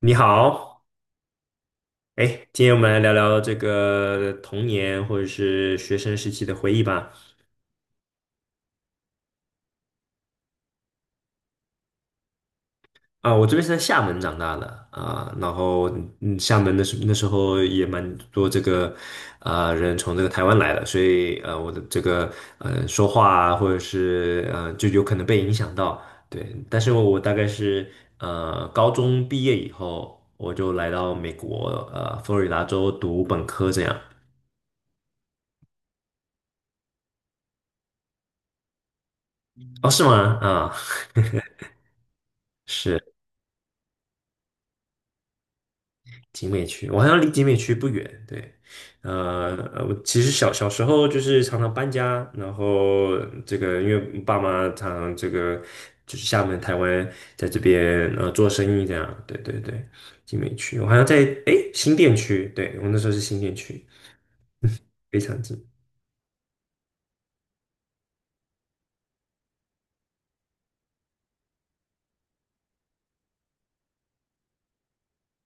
你好。哎，今天我们来聊聊这个童年或者是学生时期的回忆吧。啊，我这边是在厦门长大的啊，然后厦门那时候也蛮多这个啊、人从这个台湾来的，所以我的这个说话啊，或者是就有可能被影响到。对，但是我大概是高中毕业以后，我就来到美国佛罗里达州读本科这样。哦，是吗？啊。是。集美区，我好像离集美区不远。对。我其实小时候就是常常搬家，然后这个因为爸妈常常这个就是厦门、台湾在这边做生意这样。对对对，集美区，我好像在诶新店区，对我那时候是新店区，非常近。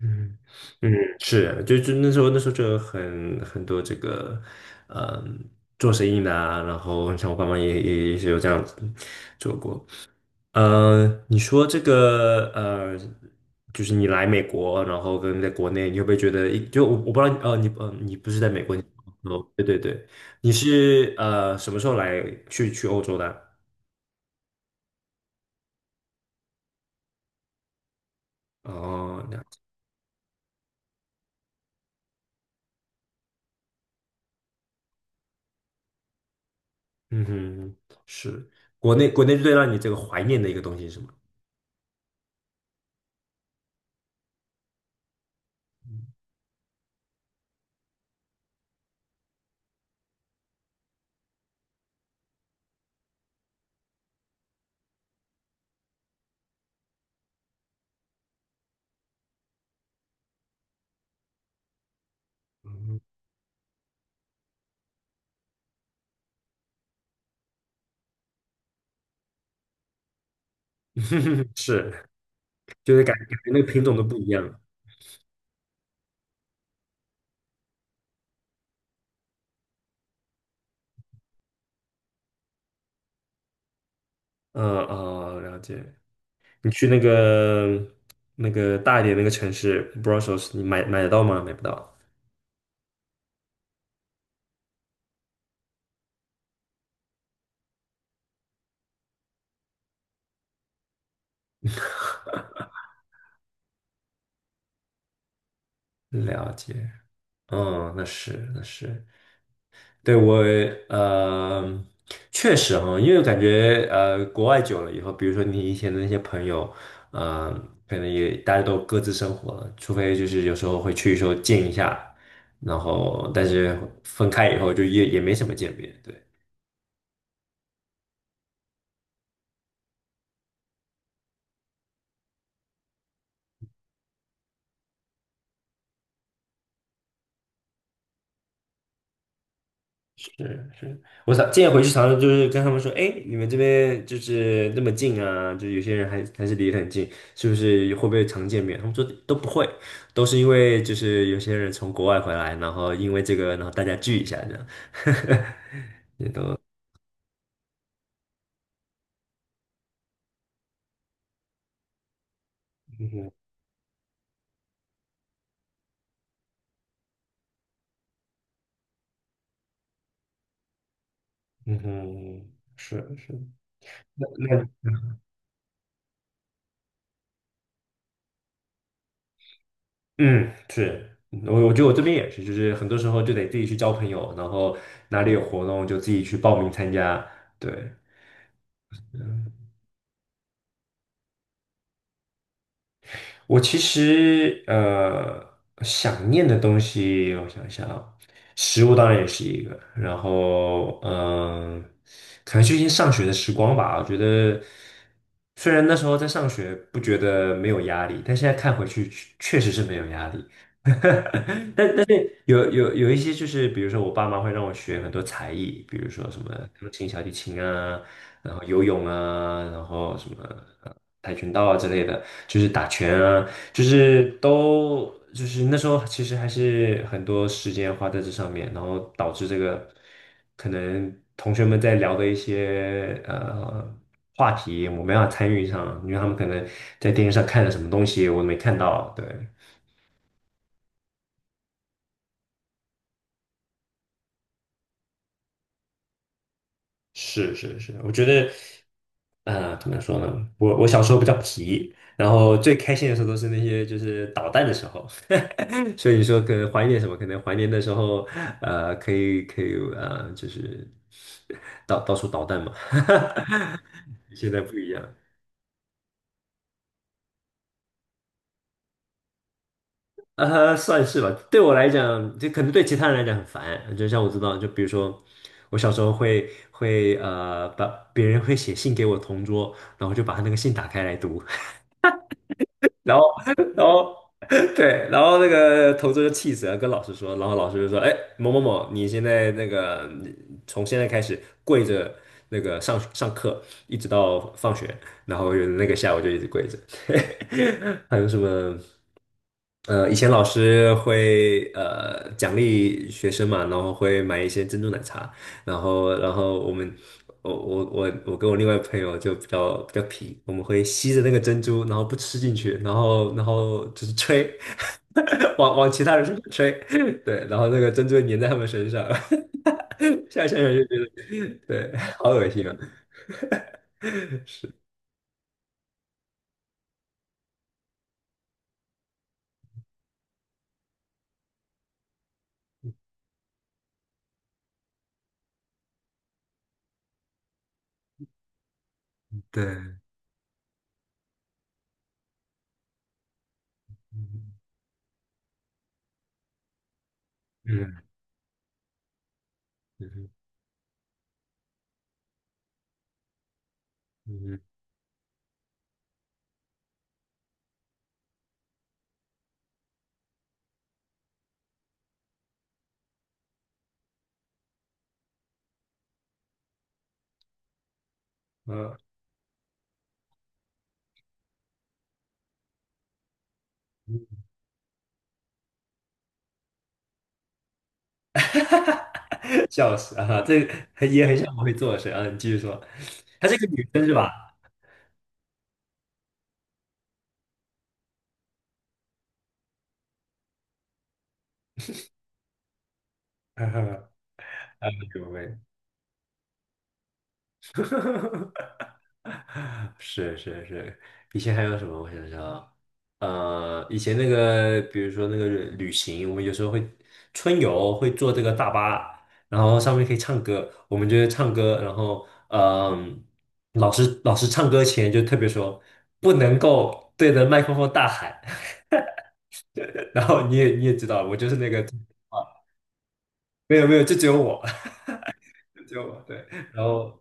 嗯嗯，是啊，就那时候就有很多这个。嗯，做生意的啊，然后像我爸妈也是有这样子做过。你说这个就是你来美国，然后跟在国内，你会不会觉得一，就我不知道，呃，你你不是在美国，你哦，对对对，你是什么时候来去欧洲的？哦，那嗯哼，是国内国内最让你这个怀念的一个东西是什么？是，就是感觉那个品种都不一样了嗯哦，了解。你去那个那个大一点那个城市 Brussels，你买得到吗？买不到。了解。嗯，那是那是，对我呃，确实哈，因为感觉国外久了以后，比如说你以前的那些朋友，呃，可能也大家都各自生活了，除非就是有时候会去说见一下，然后但是分开以后就也没什么见面，对。是是，我想，建议回去常常就是跟他们说，哎，你们这边就是那么近啊，就有些人还是离得很近，是不是会不会常见面？他们说都不会，都是因为就是有些人从国外回来，然后因为这个，然后大家聚一下这样，也都嗯哼嗯哼，是是，那那嗯是。我觉得我这边也是，就是很多时候就得自己去交朋友，然后哪里有活动就自己去报名参加，对。我其实想念的东西，我想想，啊，食物当然也是一个，然后嗯，可能最近上学的时光吧，我觉得虽然那时候在上学不觉得没有压力，但现在看回去确实是没有压力。有一些就是，比如说我爸妈会让我学很多才艺，比如说什么钢琴、小提琴啊，然后游泳啊，然后什么呃跆拳道啊之类的，就是打拳啊，就是都就是那时候其实还是很多时间花在这上面，然后导致这个可能同学们在聊的一些话题，我没办法参与上，因为他们可能在电视上看了什么东西，我没看到，对。是是是，我觉得，啊，怎么说呢？我小时候比较皮，然后最开心的时候都是那些就是捣蛋的时候，所以说可能怀念什么？可能怀念的时候，可以就是到处捣蛋嘛。现在不一样，算是吧。对我来讲，就可能对其他人来讲很烦。就像我知道，就比如说我小时候会把别人会写信给我同桌，然后就把他那个信打开来读。然后，然后，对，然后那个同桌就气死了，跟老师说，然后老师就说：“哎，某某某，你现在那个从现在开始跪着那个上课，一直到放学，然后有那个下午就一直跪着。还有什么？以前老师会奖励学生嘛，然后会买一些珍珠奶茶，然后我们我跟我另外朋友就比较皮，我们会吸着那个珍珠，然后不吃进去，然后就是吹，往往其他人身上吹，对，然后那个珍珠粘在他们身上，现在想想就觉得对，好恶心啊，对，嗯嗯嗯嗯嗯，笑死啊，这个也很像我会做的事啊，你继续说，她是一个女生是吧？没有没有。是是是，以前还有什么？我想想啊，以前那个，比如说那个旅行，我们有时候会春游，会坐这个大巴，然后上面可以唱歌，我们就会唱歌，然后嗯、老师唱歌前就特别说，不能够对着麦克风大喊，然后你也知道，我就是那个，啊没有没有，就只有我，只有我对，然后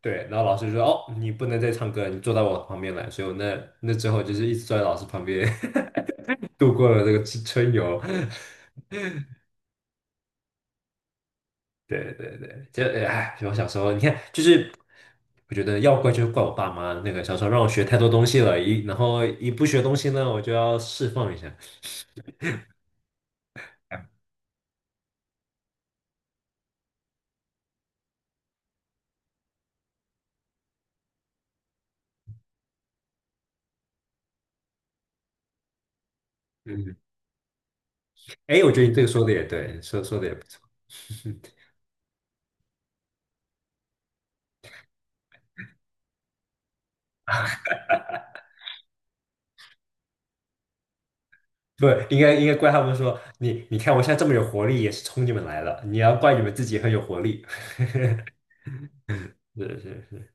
对，然后老师就说：“哦，你不能再唱歌了你坐到我旁边来。”所以我那那之后就是一直坐在老师旁边 度过了这个春游。对对对，就哎，我小时候你看，就是我觉得要怪就怪我爸妈那个小时候让我学太多东西了，一然后一不学东西呢，我就要释放一下。嗯，哎，我觉得你这个说的也对，说的也不错。不，应该怪他们说你，你看我现在这么有活力，也是冲你们来了。你要怪你们自己很有活力。是是是，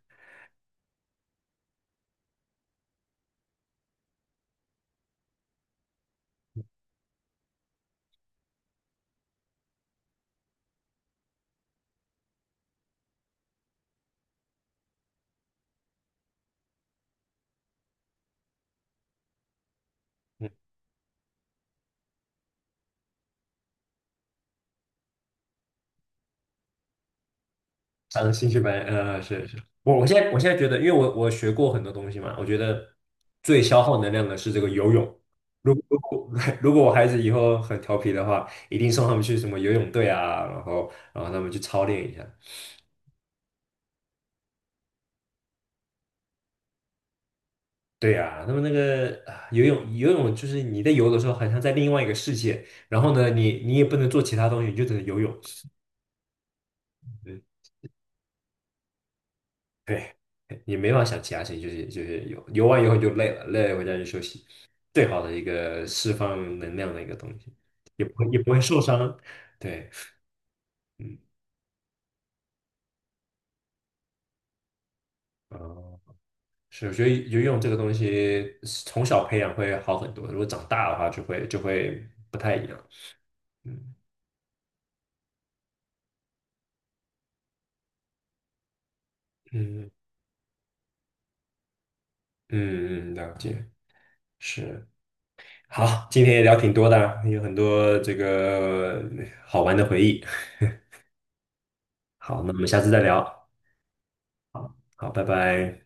上兴趣班，呃，是是，我现在觉得，因为我学过很多东西嘛，我觉得最消耗能量的是这个游泳。如果 如果我孩子以后很调皮的话，一定送他们去什么游泳队啊，然后他们去操练一下。对呀、他们那个啊游泳就是你在游的时候，好像在另外一个世界，然后呢，你你也不能做其他东西，你就只能游泳。对，你没法想其他事情，就是游完以后你就累了，累了回家就休息，最好的一个释放能量的一个东西，也不会受伤。对，嗯，哦，是，我觉得游泳这个东西从小培养会好很多，如果长大的话就会不太一样。嗯嗯嗯嗯，了解，是。好，今天也聊挺多的，有很多这个好玩的回忆。好，那我们下次再聊。好，拜拜。